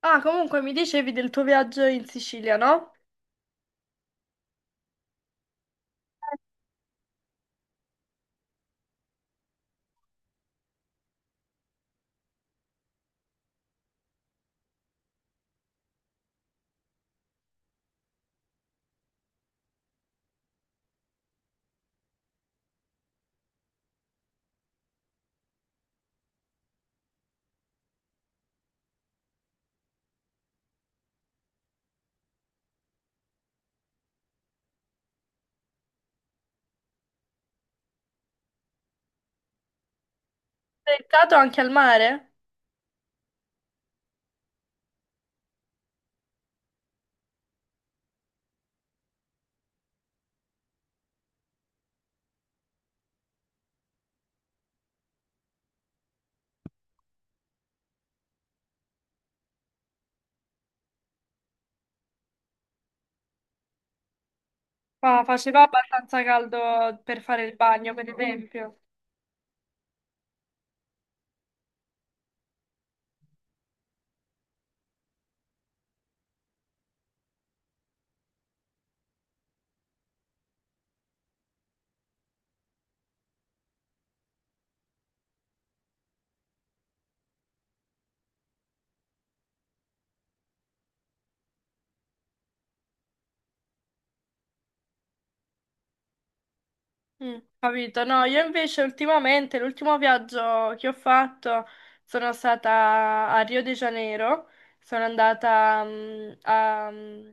Ah, comunque mi dicevi del tuo viaggio in Sicilia, no? Sei stato anche al mare? Ah, faceva abbastanza caldo per fare il bagno, per esempio. Mm, capito? No, io invece ultimamente, l'ultimo viaggio che ho fatto sono stata a Rio de Janeiro, sono andata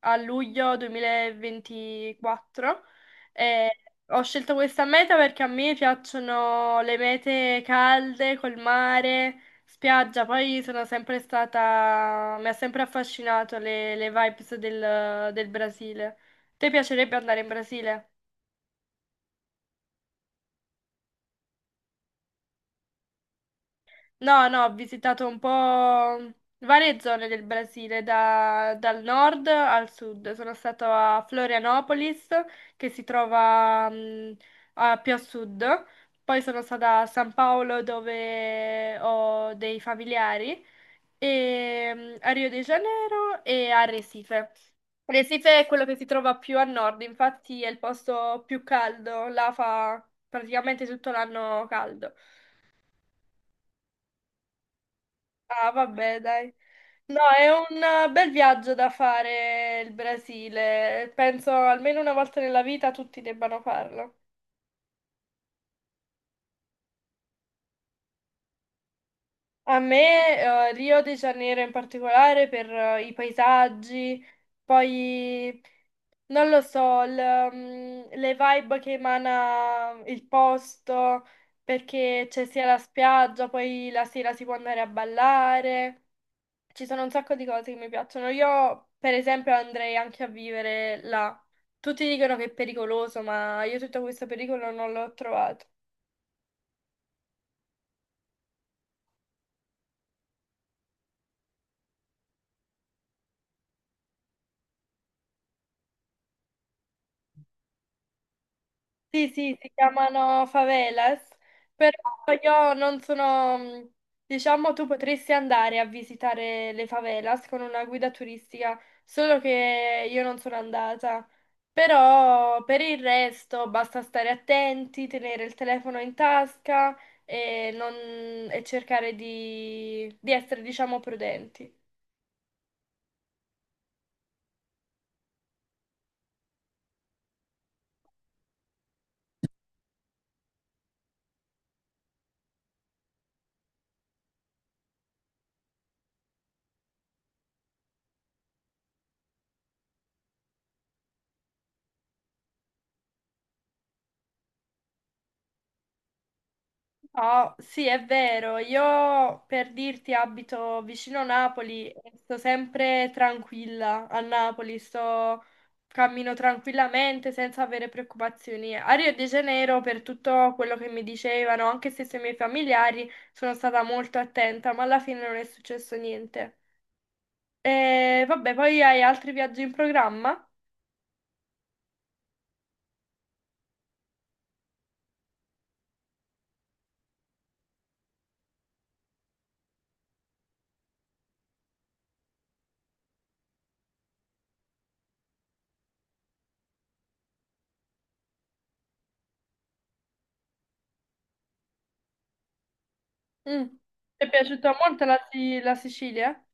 a luglio 2024 e ho scelto questa meta perché a me piacciono le mete calde, col mare, spiaggia, poi sono sempre stata, mi ha sempre affascinato le vibes del Brasile. Ti piacerebbe andare in Brasile? No, no, ho visitato un po' varie zone del Brasile, dal nord al sud. Sono stato a Florianopolis, che si trova a- più a sud. Poi sono stata a San Paolo, dove ho dei familiari, e a Rio de Janeiro e a Recife. Recife è quello che si trova più a nord, infatti è il posto più caldo, là fa praticamente tutto l'anno caldo. Ah, vabbè, dai. No, è un bel viaggio da fare il Brasile. Penso almeno una volta nella vita tutti debbano farlo. A me, Rio de Janeiro in particolare per i paesaggi, poi non lo so, le vibe che emana il posto, perché c'è sia la spiaggia, poi la sera si può andare a ballare. Ci sono un sacco di cose che mi piacciono. Io, per esempio, andrei anche a vivere là. Tutti dicono che è pericoloso, ma io tutto questo pericolo non l'ho trovato. Sì, sì, si chiamano favelas, però io non sono, diciamo, tu potresti andare a visitare le favelas con una guida turistica, solo che io non sono andata. Però per il resto basta stare attenti, tenere il telefono in tasca e, e cercare di essere, diciamo, prudenti. Oh, sì, è vero. Io per dirti abito vicino Napoli e sto sempre tranquilla a Napoli, sto cammino tranquillamente senza avere preoccupazioni. A Rio de Janeiro, per tutto quello che mi dicevano, anche se sui miei familiari, sono stata molto attenta, ma alla fine non è successo niente. E vabbè, poi hai altri viaggi in programma? Mm. Ti è piaciuta molto la Sicilia?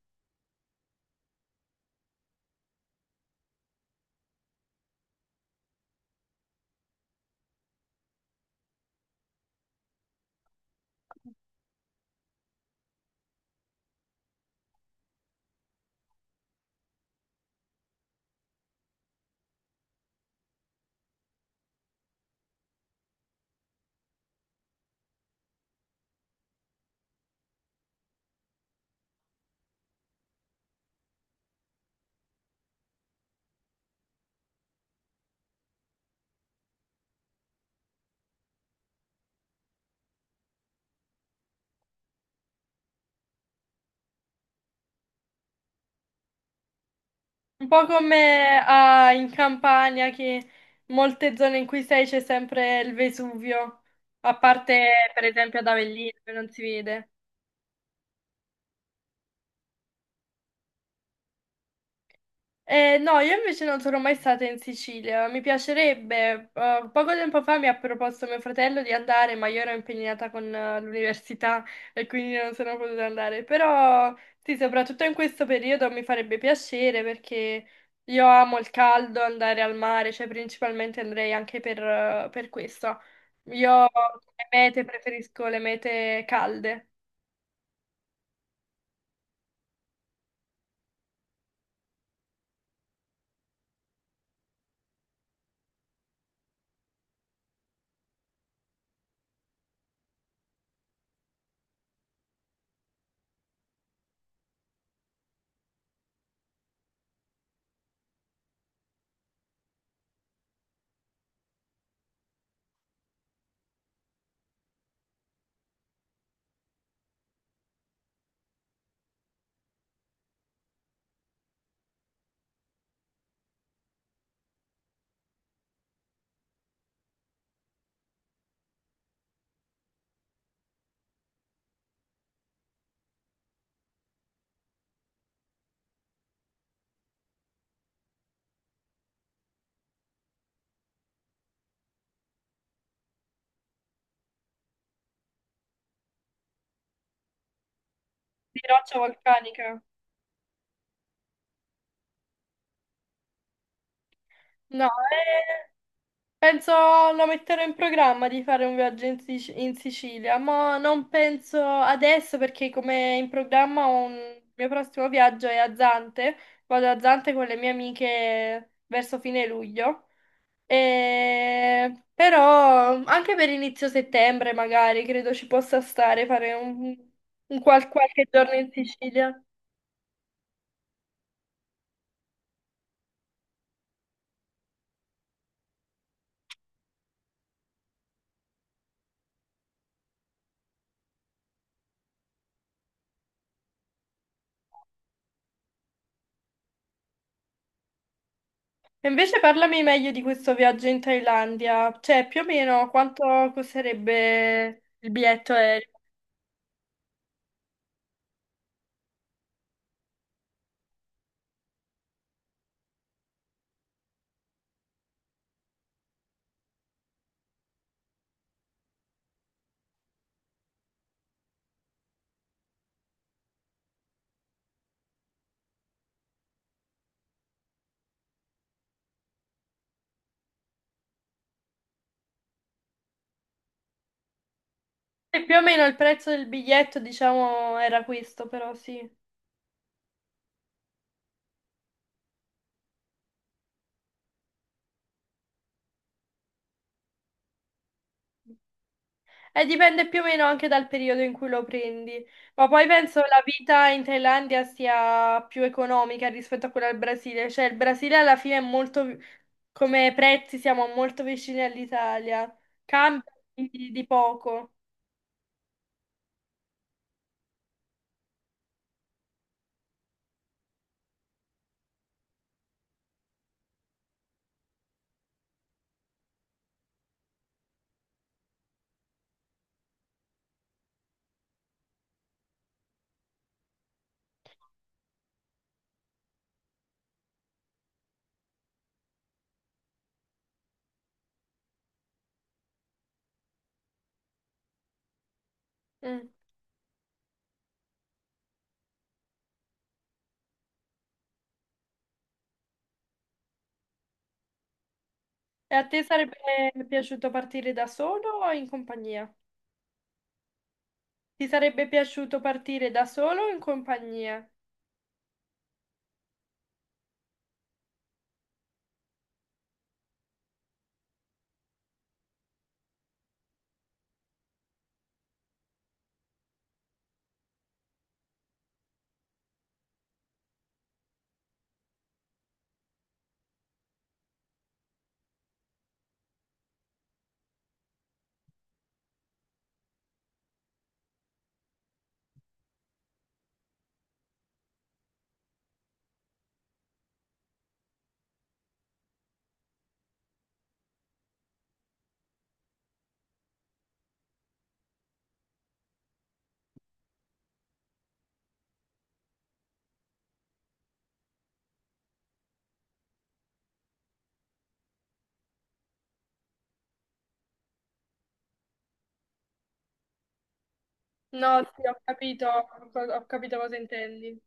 Un po' come ah, in Campania, che molte zone in cui sei c'è sempre il Vesuvio, a parte per esempio ad Avellino che non si vede. No, io invece non sono mai stata in Sicilia, mi piacerebbe. Poco tempo fa mi ha proposto mio fratello di andare, ma io ero impegnata con l'università e quindi non sono potuta andare. Però sì, soprattutto in questo periodo mi farebbe piacere perché io amo il caldo, andare al mare, cioè principalmente andrei anche per questo. Io come mete preferisco le mete calde, di roccia vulcanica. No, eh, Penso lo metterò in programma di fare un viaggio in, in Sicilia, ma non penso adesso perché come in programma ho un il mio prossimo viaggio è a Zante, vado a Zante con le mie amiche verso fine luglio, e... però anche per inizio settembre magari credo ci possa stare fare un qualche giorno in Sicilia. E invece parlami meglio di questo viaggio in Thailandia, cioè più o meno quanto costerebbe il biglietto aereo? E più o meno il prezzo del biglietto, diciamo, era questo, però sì. E dipende più o meno anche dal periodo in cui lo prendi. Ma poi penso la vita in Thailandia sia più economica rispetto a quella del Brasile. Cioè, il Brasile alla fine è molto, come prezzi siamo molto vicini all'Italia. Cambia di poco. Mm. E a te sarebbe piaciuto partire da solo o in compagnia? Ti sarebbe piaciuto partire da solo o in compagnia? No, sì, ho capito cosa intendi.